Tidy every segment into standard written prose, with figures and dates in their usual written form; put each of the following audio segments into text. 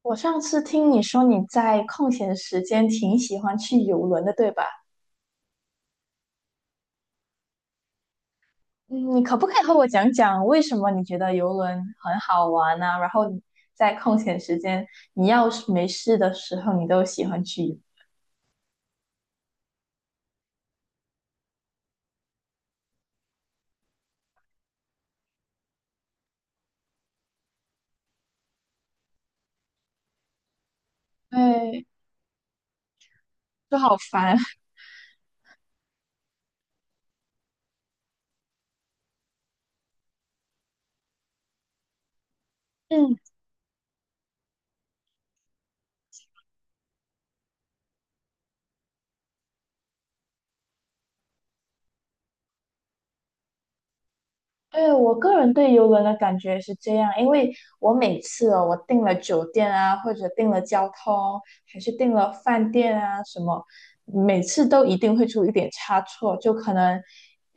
我上次听你说你在空闲时间挺喜欢去游轮的，对吧？嗯，你可不可以和我讲讲为什么你觉得游轮很好玩呢、然后你在空闲时间，你要是没事的时候，你都喜欢去游？对，就好烦。嗯。对，我个人对游轮的感觉是这样，因为我每次哦，我订了酒店啊，或者订了交通，还是订了饭店啊什么，每次都一定会出一点差错，就可能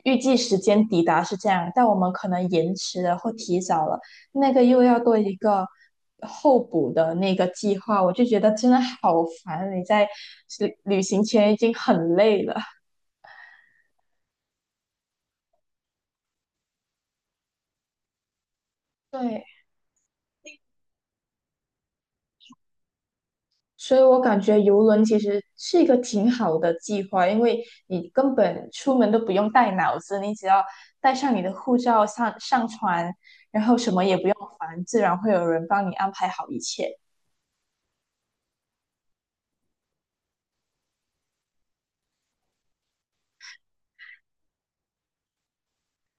预计时间抵达是这样，但我们可能延迟了或提早了，那个又要多一个候补的那个计划，我就觉得真的好烦，你在旅行前已经很累了，对。所以我感觉游轮其实是一个挺好的计划，因为你根本出门都不用带脑子，你只要带上你的护照上船，然后什么也不用烦，自然会有人帮你安排好一切。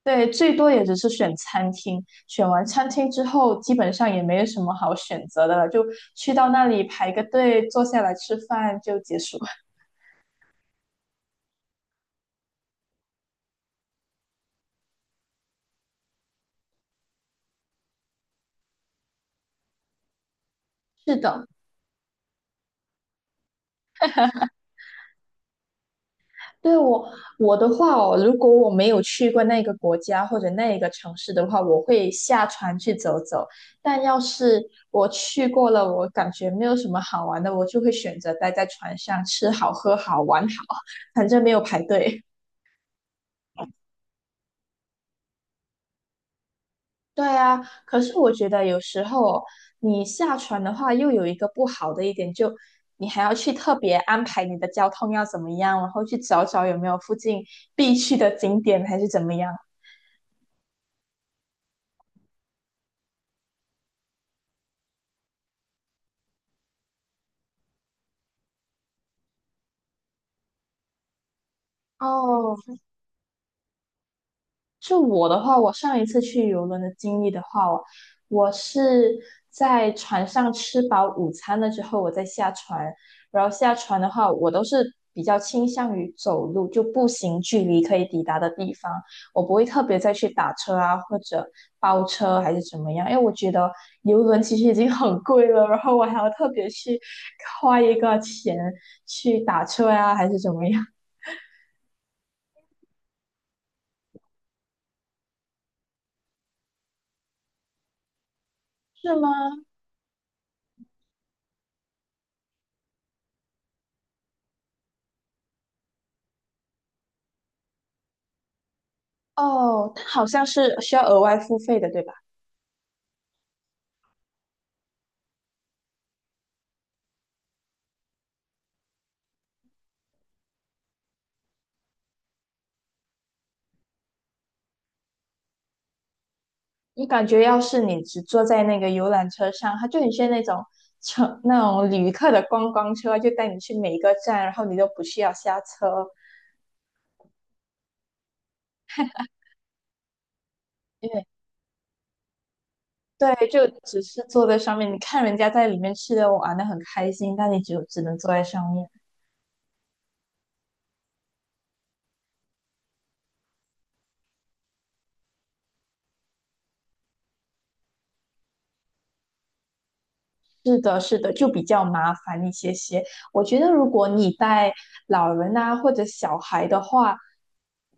对，最多也只是选餐厅，选完餐厅之后，基本上也没有什么好选择的了，就去到那里排个队，坐下来吃饭就结束。是的。对我我的话哦，如果我没有去过那个国家或者那个城市的话，我会下船去走走。但要是我去过了，我感觉没有什么好玩的，我就会选择待在船上吃好喝好玩好，反正没有排队。对啊，可是我觉得有时候哦你下船的话，又有一个不好的一点，就你还要去特别安排你的交通要怎么样，然后去找找有没有附近必去的景点还是怎么样。哦，就我的话，我上一次去游轮的经历的话，我是在船上吃饱午餐了之后，我再下船。然后下船的话，我都是比较倾向于走路，就步行距离可以抵达的地方，我不会特别再去打车啊，或者包车还是怎么样，因为我觉得游轮其实已经很贵了，然后我还要特别去花一个钱去打车呀、还是怎么样，是吗？哦，它好像是需要额外付费的，对吧？你感觉要是你只坐在那个游览车上，它就很像那种乘那种旅客的观光车，就带你去每一个站，然后你都不需要下车，因为对，就只是坐在上面，你看人家在里面吃的玩的很开心，但你只能坐在上面。是的，是的，就比较麻烦一些些。我觉得如果你带老人啊或者小孩的话，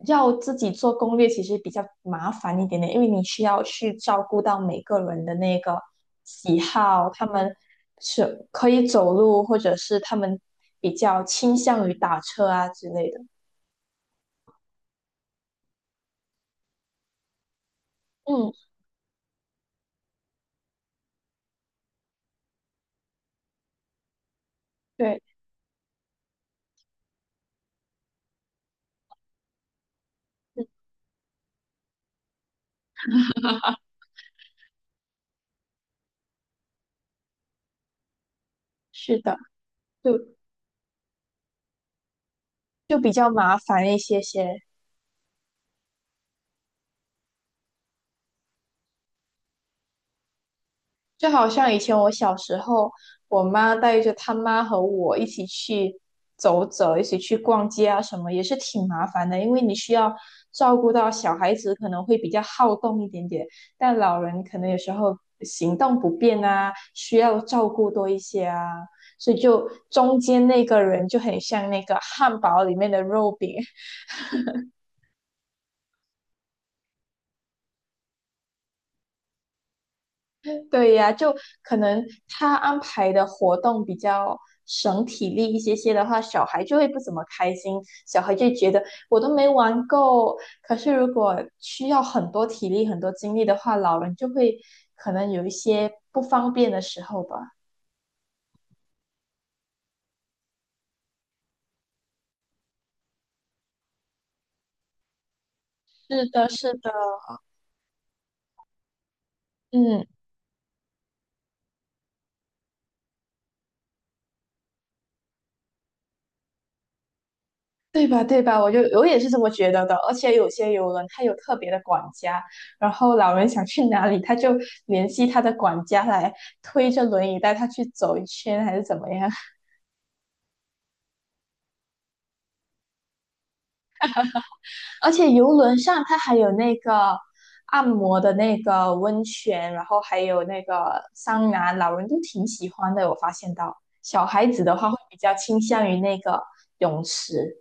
要自己做攻略其实比较麻烦一点点，因为你需要去照顾到每个人的那个喜好，他们是可以走路，或者是他们比较倾向于打车啊之类的。嗯，对，嗯是的，就就比较麻烦一些些。就好像以前我小时候，我妈带着她妈和我一起去走走，一起去逛街啊什么，也是挺麻烦的，因为你需要照顾到小孩子可能会比较好动一点点，但老人可能有时候行动不便啊，需要照顾多一些啊，所以就中间那个人就很像那个汉堡里面的肉饼，对呀，就可能他安排的活动比较省体力一些些的话，小孩就会不怎么开心，小孩就觉得我都没玩够。可是如果需要很多体力、很多精力的话，老人就会可能有一些不方便的时候吧。是的，是的，嗯。对吧？对吧？我就我也是这么觉得的。而且有些游轮它有特别的管家，然后老人想去哪里，他就联系他的管家来推着轮椅带他去走一圈，还是怎么样？而且游轮上它还有那个按摩的那个温泉，然后还有那个桑拿，老人都挺喜欢的。我发现到小孩子的话会比较倾向于那个泳池。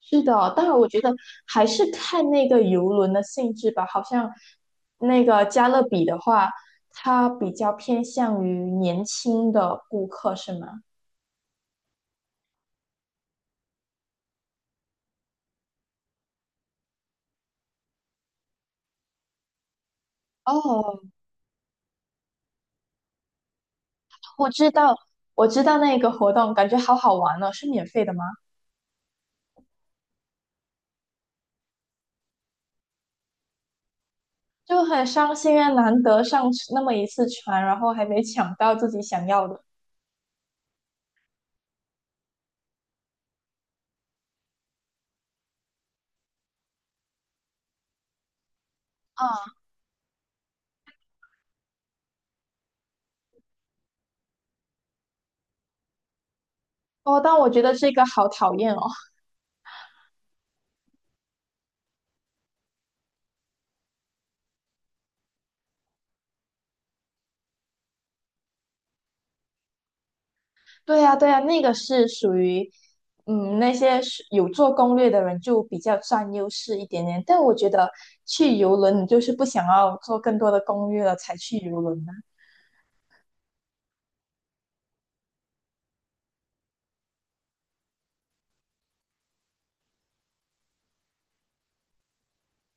是的，但是我觉得还是看那个游轮的性质吧。好像那个加勒比的话，它比较偏向于年轻的顾客，是吗？哦，我知道，我知道那个活动，感觉好好玩哦，是免费的吗？就很伤心啊，难得上那么一次船，然后还没抢到自己想要的。啊，哦，但我觉得这个好讨厌哦。对呀，对呀，那个是属于，嗯，那些是有做攻略的人就比较占优势一点点。但我觉得去游轮，你就是不想要做更多的攻略了才去游轮啊。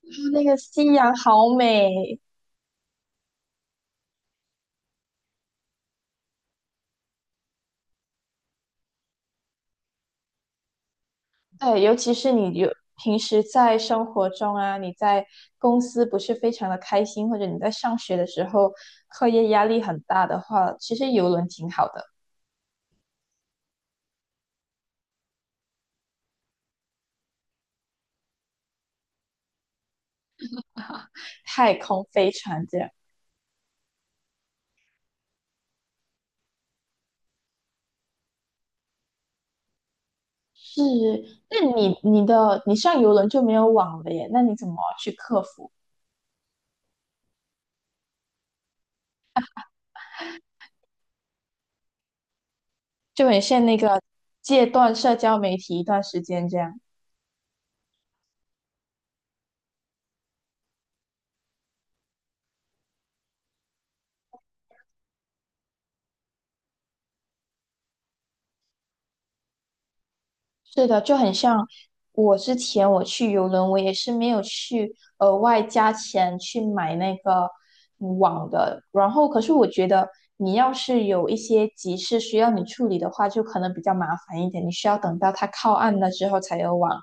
然后那个夕阳好美，对，尤其是你有平时在生活中啊，你在公司不是非常的开心，或者你在上学的时候课业压力很大的话，其实游轮挺好的，太空飞船这样。是，那你上游轮就没有网了耶？那你怎么去克服？就很像那个戒断社交媒体一段时间这样。是的，就很像我之前我去游轮，我也是没有去额外加钱去买那个网的。然后，可是我觉得你要是有一些急事需要你处理的话，就可能比较麻烦一点，你需要等到它靠岸了之后才有网。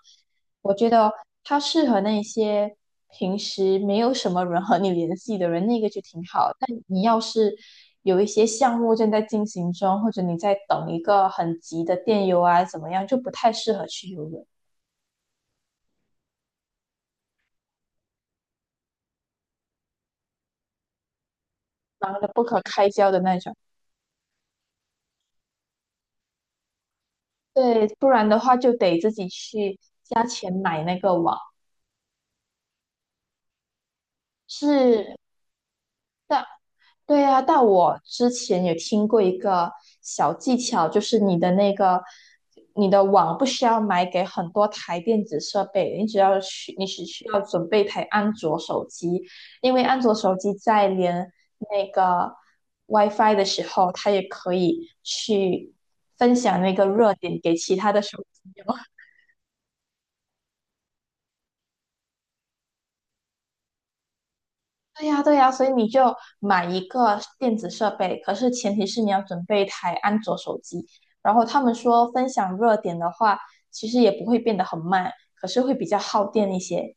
我觉得它适合那些平时没有什么人和你联系的人，那个就挺好。但你要是有一些项目正在进行中，或者你在等一个很急的电邮啊，怎么样，就不太适合去游泳，忙得不可开交的那种。对，不然的话就得自己去加钱买那个网。是，但对啊，但我之前也听过一个小技巧，就是你的网不需要买给很多台电子设备，你只需要准备一台安卓手机，因为安卓手机在连那个 WiFi 的时候，它也可以去分享那个热点给其他的手机用。对呀，对呀，所以你就买一个电子设备，可是前提是你要准备一台安卓手机。然后他们说分享热点的话，其实也不会变得很慢，可是会比较耗电一些。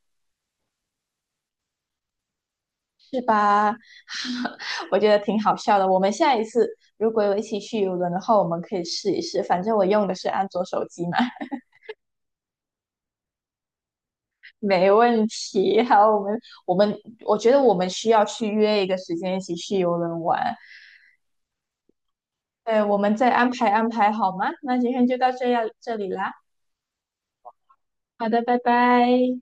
我觉得挺好笑的。我们下一次如果有一起去游轮的话，我们可以试一试。反正我用的是安卓手机嘛，没问题。好，我们我觉得我们需要去约一个时间一起去游轮玩。对，我们再安排安排好吗？那今天就到这里啦。好的，拜拜。